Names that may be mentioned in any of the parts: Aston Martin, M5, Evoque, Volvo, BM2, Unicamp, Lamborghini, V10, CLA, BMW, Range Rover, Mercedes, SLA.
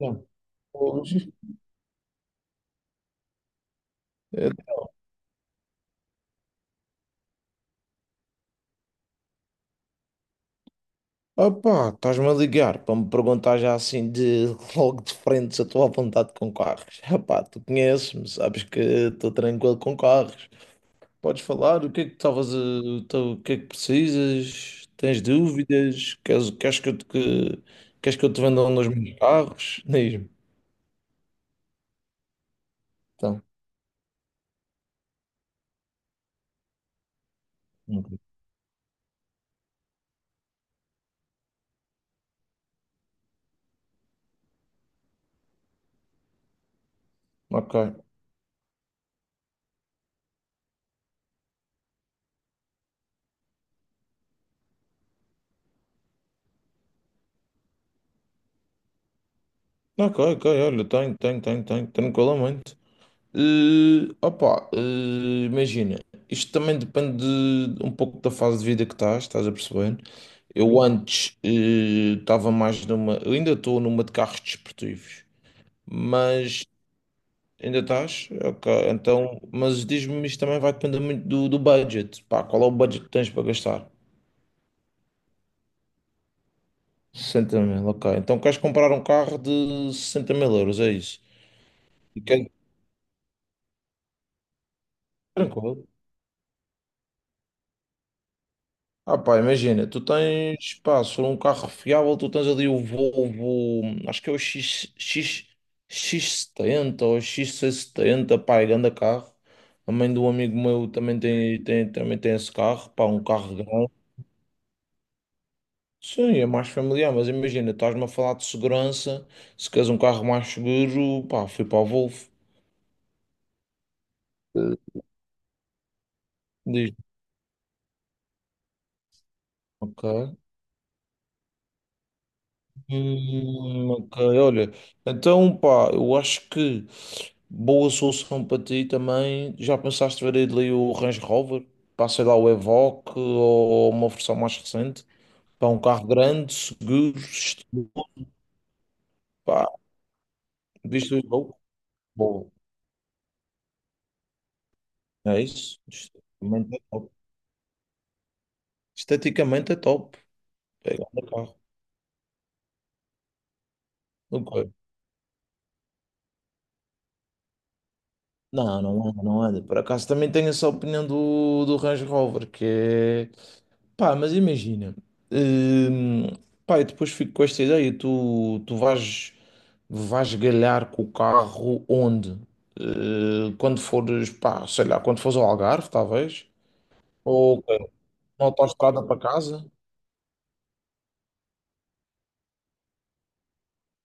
Não, hoje. Eh, Opá, estás-me a ligar para me perguntar já assim de logo de frente se eu estou à vontade com carros. Opá, tu conheces-me, sabes que estou tranquilo com carros. Podes falar, o que é que o que é que precisas? Tens dúvidas? Queres que eu queres que eu te venda um dos meus carros? Diz-me. Então, ok. Ok, ok, ok, olha, tenho, tenho, tenho, tenho, tranquilamente. Opa, imagina, isto também depende um pouco da fase de vida que estás a perceber? Eu antes estava mais numa, eu ainda estou numa de carros desportivos, mas ainda estás? Ok, então, mas diz-me, isto também vai depender muito do budget, pá, qual é o budget que tens para gastar? 60 mil, ok, então queres comprar um carro de 60 mil euros, é isso? E quer- Tranquilo. Ah pá, imagina, tu tens, pá, se for um carro fiável, tu tens ali o Volvo, acho que é o X70 ou X670, pá, é grande carro. A mãe do amigo meu também também tem esse carro, pá, um carro grande. Sim, é mais familiar, mas imagina, estás-me a falar de segurança, se queres um carro mais seguro, pá, fui para o Volvo. Eh, Diz, ok. Ok, olha, então pá, eu acho que boa solução para ti também. Já pensaste ver ali o Range Rover? Para sei lá, o Evoque ou uma versão mais recente? Para um carro grande, seguro, estiloso, pá, visto e louco. Boa, é isso. Esteticamente é top. Esteticamente é top. É grande carro. Ok. Não, não anda, não anda. Por acaso também tenho essa opinião do Range Rover, que é. Pá, mas imagina. hum, Pá, eu depois fico com esta ideia. Tu vais galhar com o carro onde? Quando fores, pá, sei lá, quando fores ao Algarve, talvez? Ou na autoestrada para casa?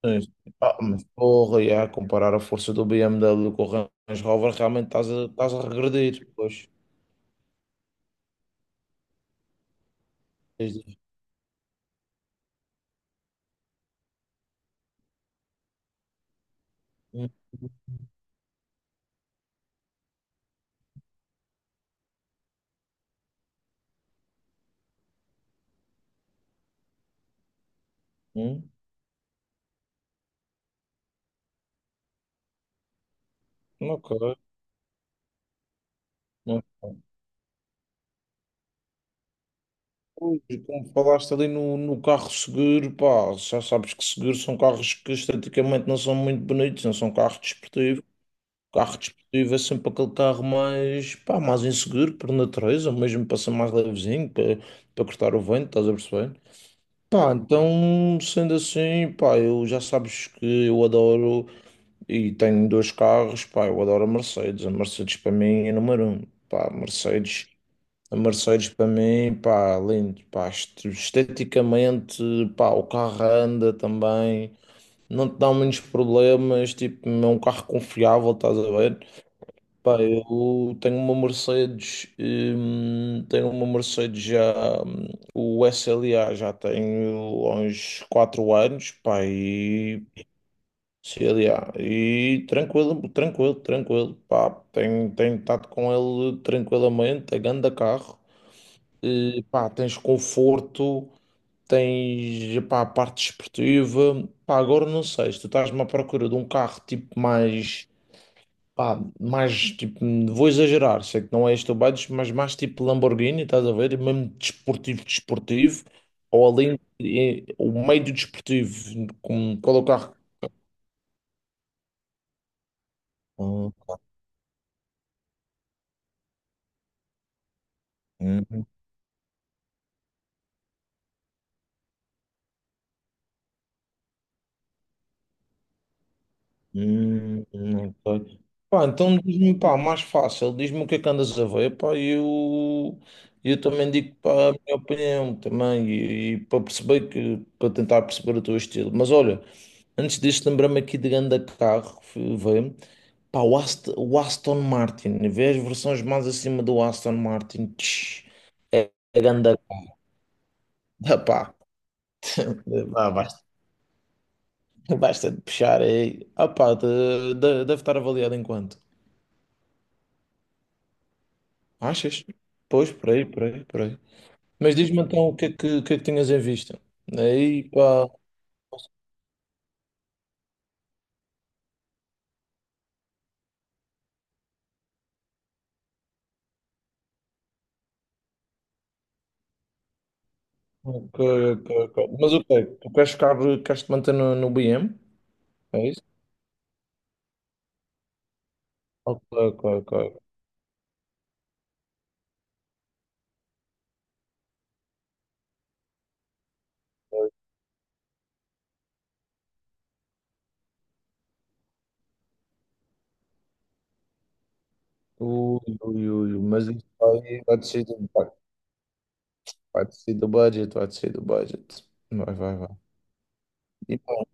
Sim. Ah, mas porra, e a comparar a força do B M W com o Range Rover, realmente estás a regredir. Pois. Hum, hum, ok. Mas, pô, e como falaste ali no carro seguro, pá, já sabes que seguros são carros que esteticamente não são muito bonitos, não são carros desportivos. Carro desportivo é sempre aquele carro mais, pá, mais inseguro por natureza, mesmo para ser mais levezinho, para cortar o vento, estás a perceber? Pá, então, sendo assim, pá, eu já sabes que eu adoro e tenho dois carros, pá, eu adoro a Mercedes. A Mercedes para mim é número um. Pá, a Mercedes. A Mercedes para mim, pá, lindo, pá, esteticamente, pá, o carro anda também, não te dá muitos problemas, tipo, é um carro confiável, estás a ver? Pá, eu tenho uma Mercedes já, hum, o S L A já tenho há uns 4 anos, pá, e C L A e tranquilo, tranquilo, tranquilo, pá, tenho estado com ele tranquilamente, é grande carro. Pá, tens conforto, tens, pá, a parte desportiva. Pá, agora não sei, se tu estás-me à procura de um carro tipo mais, pá, mais tipo, vou exagerar, sei que não é este o budget, mas mais tipo Lamborghini, estás a ver? E mesmo desportivo, desportivo, ou além, o meio do desportivo, como, qual é o carro? Hum, Hum, não sei. Pá, então diz-me, pá, mais fácil, diz-me o que é que andas a ver, pá, e eu também digo pá, a minha opinião também, e para perceber que, para tentar perceber o teu estilo. Mas olha, antes disso, lembrei-me aqui de grande carro, fui ver, pá, o Aston Martin, vê as versões mais acima do Aston Martin, tch, é grande carro, pá, pá, basta, basta de puxar aí, ah, pá, deve estar avaliado enquanto. Achas? Pois, por aí, por aí, por aí. Mas diz-me então o que é que, o que é que tinhas em vista? Aí, pá, ok, ok, ok. Mas o quê? Queres te manter no BM? É isso? Ok, ok, ok. Ok. Ui, ui, ui, mas isso aí vai descer do budget, vai descer do budget, vai descer do budget. Vai, vai, vai. E pá,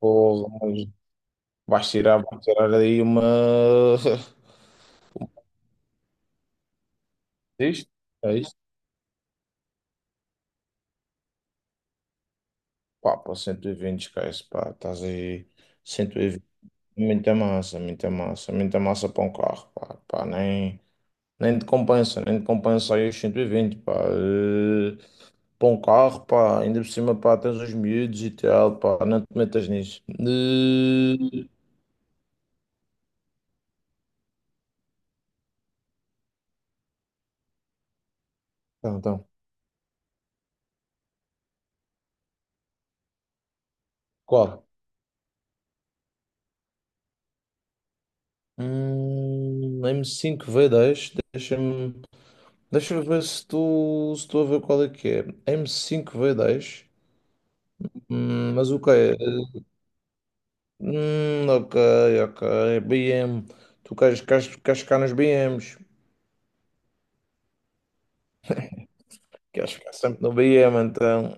porra, mas vais tirar aí uma. É isto? É isto? Pá, para 120, esquece, pá, estás aí. 120. Muita massa, muita massa, muita massa para um carro, pá, pá, nem te compensa, nem te compensa aí os 120, pá, para um carro, pá, ainda por cima, pá, tens os miúdos e tal, pá, não te metas nisso. Então, então, qual? M5 V10, deixa-me, deixa eu ver se tu, se tu a ver qual é que é. M5 V10, mas o que é? Ok, ok. BM. Queres ficar nos BMs? Queres ficar sempre no BM, então.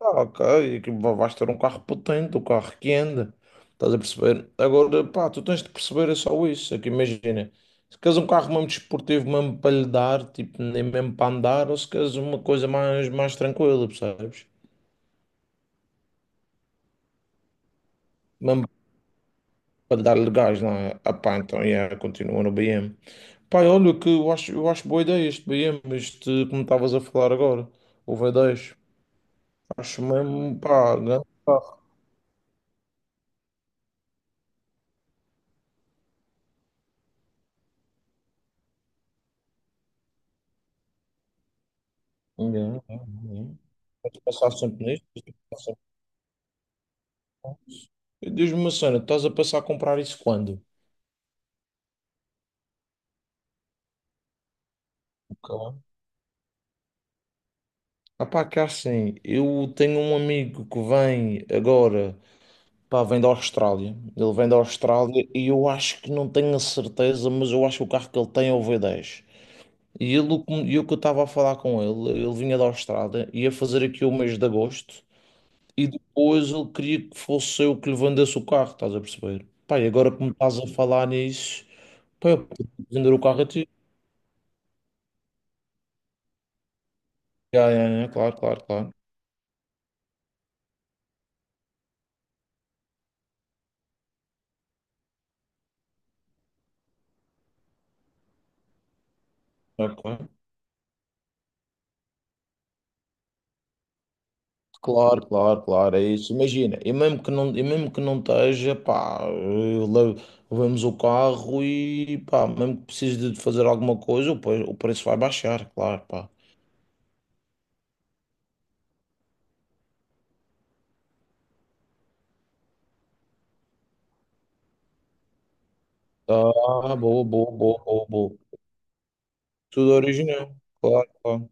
Ah, ok. Vais ter um carro potente, um carro que anda. Estás a perceber? Agora, pá, tu tens de perceber é só isso. É que imagina. Se queres um carro mesmo desportivo, mesmo para lhe dar, tipo, nem mesmo para andar, ou se queres uma coisa mais, mais tranquila, percebes? Mesmo para lhe dar legais, não é? Ah, pá, então, yeah, continua no BM. Pai, olha, que eu acho boa ideia este BM, este, como estavas a falar agora, o V10. Acho mesmo, pá, grande carro. Yeah, yeah, yeah. Podes passar sempre nisto. Podes passar sempre lá. E diz-me uma cena, estás a passar a comprar isso quando? Ok. Ah, pá, que é assim, eu tenho um amigo que vem agora, pá, vem da Austrália. Ele vem da Austrália e eu acho que não tenho a certeza, mas eu acho que o carro que ele tem é o V10. E ele, e o que eu estava a falar com ele, ele vinha da Austrália, ia fazer aqui o mês de agosto e depois ele queria que fosse eu que lhe vendesse o carro, estás a perceber? Pá, e agora que me estás a falar nisso, pá, eu posso vender o carro a ti. Já, já, já, claro, claro, claro. Claro, claro, claro, claro, claro, é isso. Imagina, e mesmo que não, e mesmo que não esteja, pá, levamos o carro e, pá, mesmo que precise de fazer alguma coisa, o preço vai baixar, claro, pá. Ah, boa, boa, boa, boa, boa. Tudo original, claro, claro.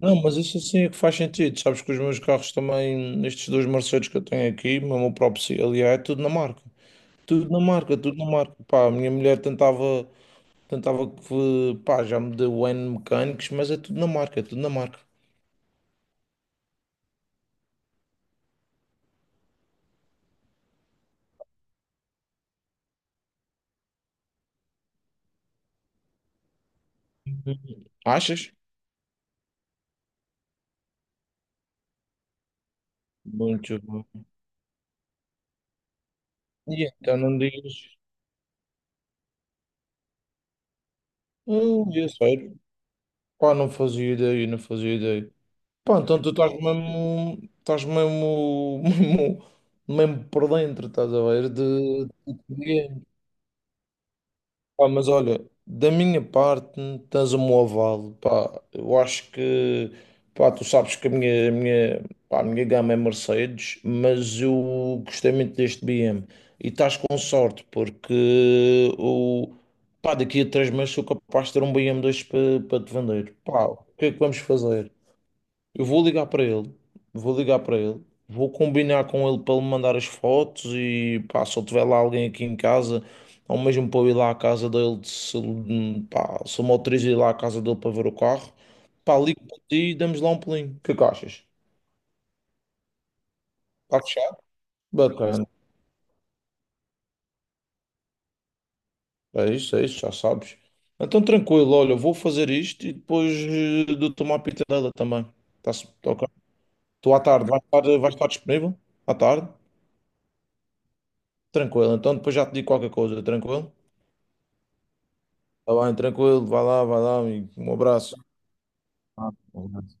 Não, mas isso assim é que faz sentido. Sabes que os meus carros também, estes dois Mercedes que eu tenho aqui, mesmo o próprio aliás, é tudo na marca. Tudo na marca, tudo na marca. Pá, a minha mulher tentava que, pá, já me deu N mecânicos, mas é tudo na marca, é tudo na marca. Uhum. Achas? Muito bom. E então não digas. Eu sei. Pá, não fazia ideia, não fazia ideia. Pô, então tu estás mesmo, mesmo, mesmo por dentro, estás a ver? De clientes. Pá, mas olha, da minha parte, tens o meu aval, pá. Eu acho que, pá, tu sabes que a minha, a minha gama é Mercedes, mas eu gostei muito deste BM. E estás com sorte, porque o, pá, daqui a 3 meses sou capaz de ter um BM2 para te vender. Pá, o que é que vamos fazer? Eu vou ligar para ele, vou ligar para ele, vou combinar com ele para ele mandar as fotos e pá, se eu tiver lá alguém aqui em casa, ou mesmo para eu ir lá à casa dele, se, ele, pá, se eu me autorizo a ir lá à casa dele para ver o carro, pá, ligo para ti e damos lá um pulinho. O que é que achas? Está fechado? Bacana. É isso, já sabes. Então tranquilo, olha, eu vou fazer isto e depois dou-te uma pitadela também. Tá-se, ok? Tu à tarde vais estar disponível? À tarde? Tranquilo, então depois já te digo qualquer coisa, tranquilo? Tá bem, tranquilo, vai lá, amigo. Um abraço. Ah, um abraço.